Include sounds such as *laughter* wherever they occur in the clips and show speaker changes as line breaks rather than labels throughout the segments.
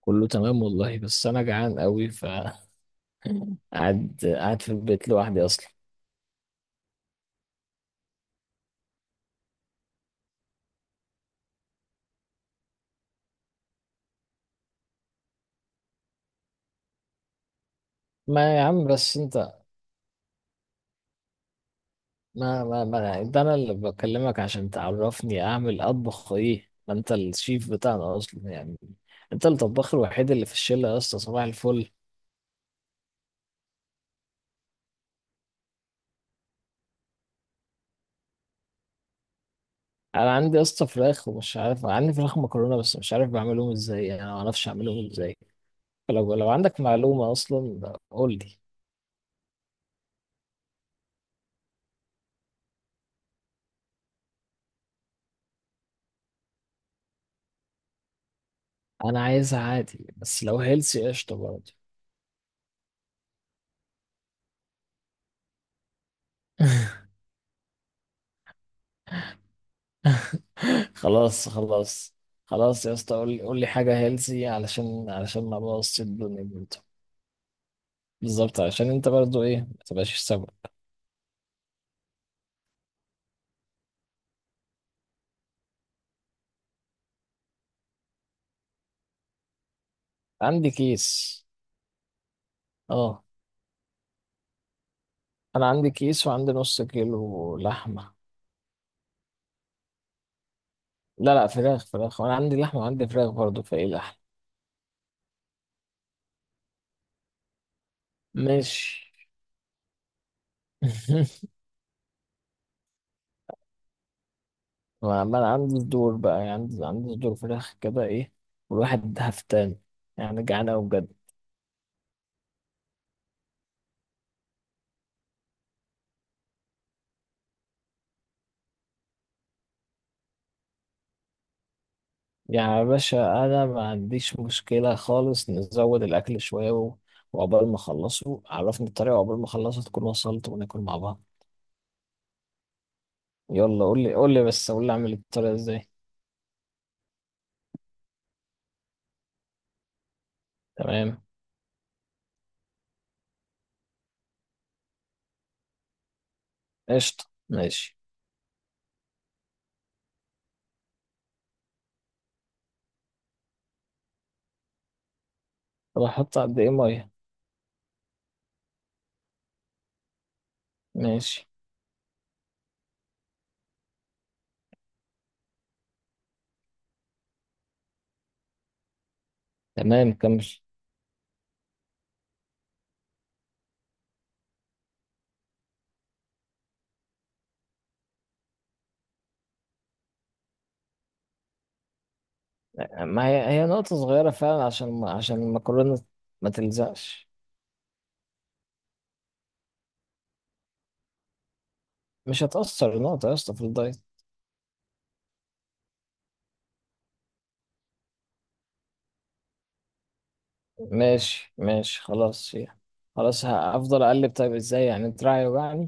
كله تمام والله، بس انا جعان قوي ف *laughs* قاعد قاعد في البيت لوحدي اصلا. ما يا عم بس انت، ما انت انا اللي بكلمك عشان تعرفني اعمل اطبخ ايه. ما انت الشيف بتاعنا اصلا يعني، انت الطباخ الوحيد اللي في الشله يا اسطى. صباح الفل. انا عندي يا اسطى فراخ، ومش عارف، عندي فراخ، مكرونه، بس مش عارف بعملهم ازاي يعني، انا ما اعرفش اعملهم ازاي. فلو لو عندك معلومه اصلا قول لي. انا عايزها عادي، بس لو هيلسي قشطه برضه. *laughs* خلاص خلاص. خلاص يا اسطى، قول لي قول لي حاجة هيلسي، علشان علشان ما ابوظش الدنيا برضه. بالظبط، علشان انت برضه ايه ما تبقاش سبب. عندي كيس. اه، انا عندي كيس وعندي نص كيلو لحمة. لا لا، فراخ فراخ، وانا عندي لحمة وعندي فراخ برضه، فايه لحمة. ماشي. *laughs* ما انا عندي صدور بقى، يعني عندي صدور فراخ كده ايه. والواحد هفتان، يعني جعان قوي بجد. يعني يا باشا، انا ما عنديش مشكله خالص، نزود الاكل شويه و-، وعقبال ما اخلصه عرفني الطريقه، وعقبال ما اخلصها تكون وصلت وناكل مع بعض. يلا قول لي قول لي بس قول لي اعمل الطريقه ازاي. تمام. قشطه ماشي. طب احط قد ايه ميه؟ ماشي. تمام كمل. ما هي هي نقطه صغيره فعلا، عشان المكرونه ما تلزقش. مش هتأثر نقطة يا اسطى في الدايت. ماشي ماشي خلاص هي. خلاص هفضل اقلب؟ طيب ازاي يعني؟ دراعي يوجعني.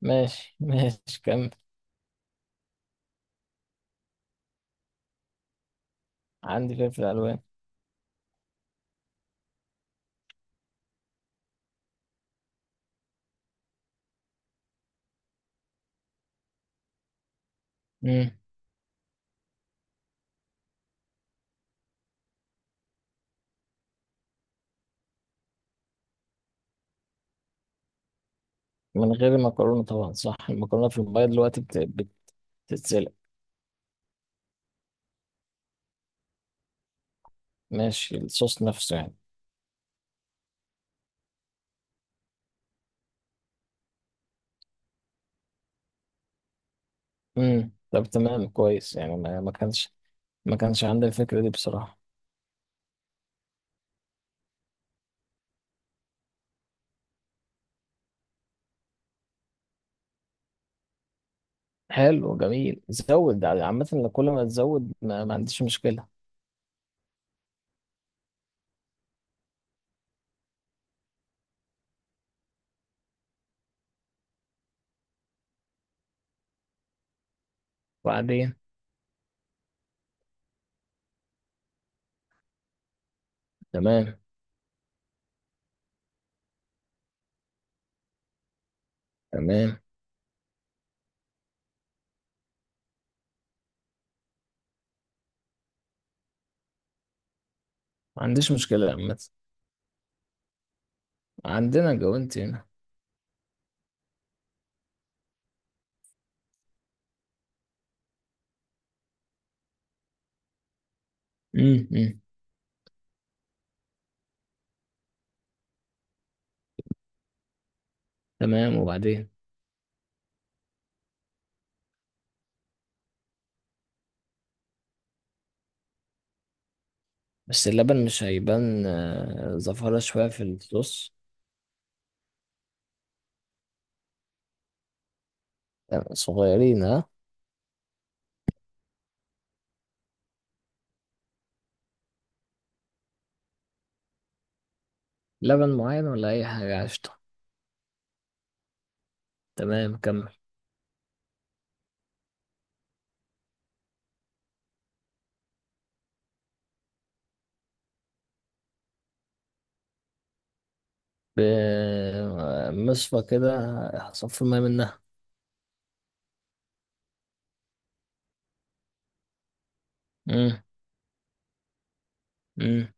ماشي ماشي كمل. عندي فلفل الوان. امم. من غير المكرونه طبعا، صح؟ المكرونه في الميه دلوقتي بتتسلق. ماشي، الصوص نفسه يعني. امم، طب تمام كويس يعني، ما ما كانش عندي الفكره دي بصراحه. حلو جميل. زود عامه، كل ما تزود ما عنديش مشكله. وبعدين. تمام. تمام. ما عنديش مشكله عامه. عندنا جوانتي هنا. امم. أمم. تمام وبعدين. بس اللبن مش هيبان زفارة شوية في الصوص؟ صغيرين ها. لبن معين ولا أي حاجة؟ قشطة. تمام كمل. بمصفى كده، هصفي المية منها. مم. مم.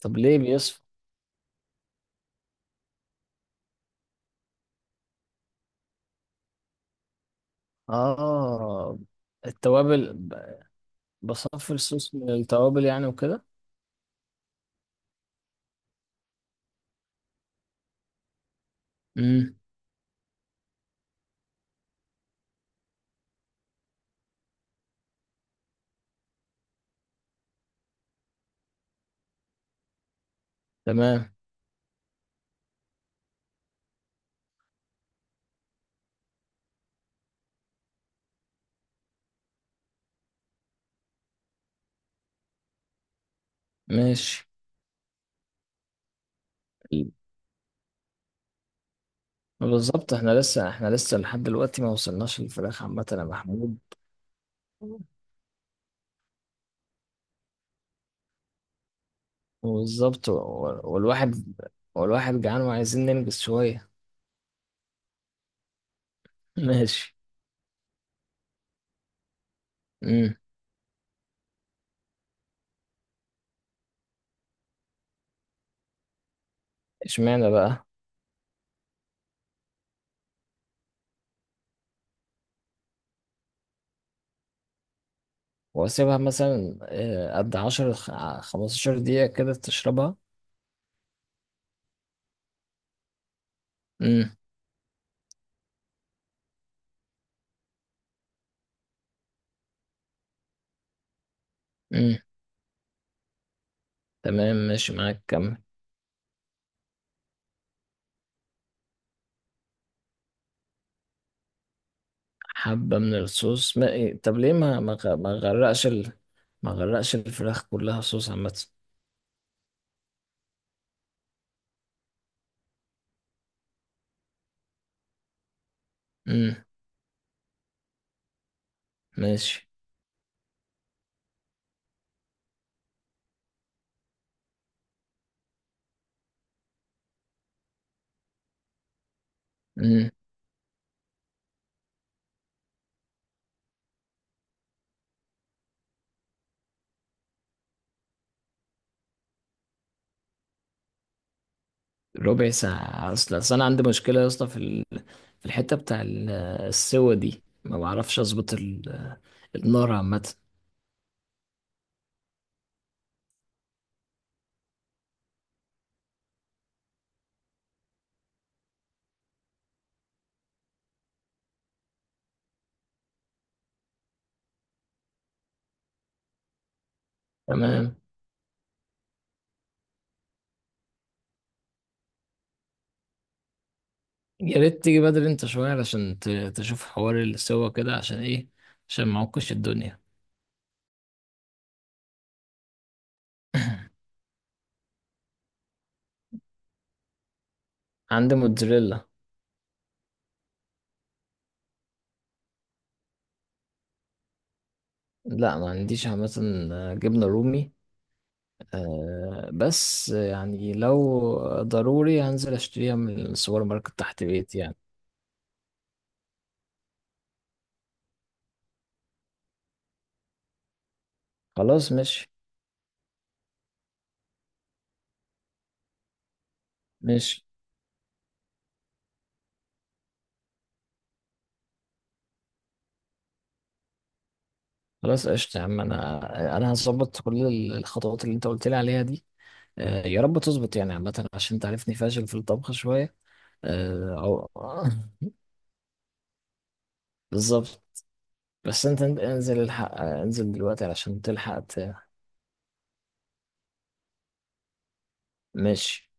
طب ليه بيصفى؟ آه، التوابل بصفي الصوص من التوابل يعني وكده. مم. تمام ماشي. بالظبط، احنا لسه لحد دلوقتي ما وصلناش للفراخ عامة يا محمود. بالظبط والواحد جعان وعايزين ننجز شوية. *laughs* ماشي. امم. اشمعنى بقى؟ واسيبها مثلا قد 15 دقيقة كده تشربها؟ امم. امم. تمام ماشي معاك كمل. حبة من الصوص ما... إيه، طب ليه ما غرقش ما غرقش الفراخ كلها صوص عامة؟ امم. ماشي. امم. ربع ساعة؟ أصل أنا عندي مشكلة يا اسطى في في الحتة بتاع السوا دي، ما بعرفش أظبط النار عامة. تمام. يا ريت تيجي بدري انت شوية، علشان تشوف حوار السوا كده عشان ايه، عشان معكش الدنيا. عندي موتزاريلا. لا، ما عنديش عامة، جبنة رومي. آه، بس يعني لو ضروري هنزل اشتريها من السوبر ماركت تحت بيتي يعني. خلاص ماشي. ماشي. خلاص قشطة يا عم، انا هظبط كل الخطوات اللي انت قلت لي عليها دي. آه، يا رب تظبط يعني عامة، عشان تعرفني فاشل في الطبخ شوية. آه، أو *laughs* بالظبط. بس انت انزل الحق انزل دلوقتي علشان تلحق. ماشي.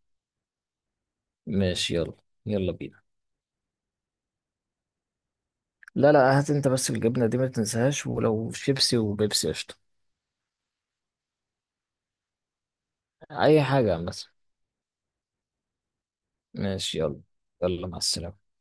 ماشي يلا. يلا بينا. لا لا، هات انت بس الجبنة دي ما تنساهاش، ولو شيبسي وبيبسي قشطة. اي حاجة مثلا. ماشي يلا. يلا مع السلامة.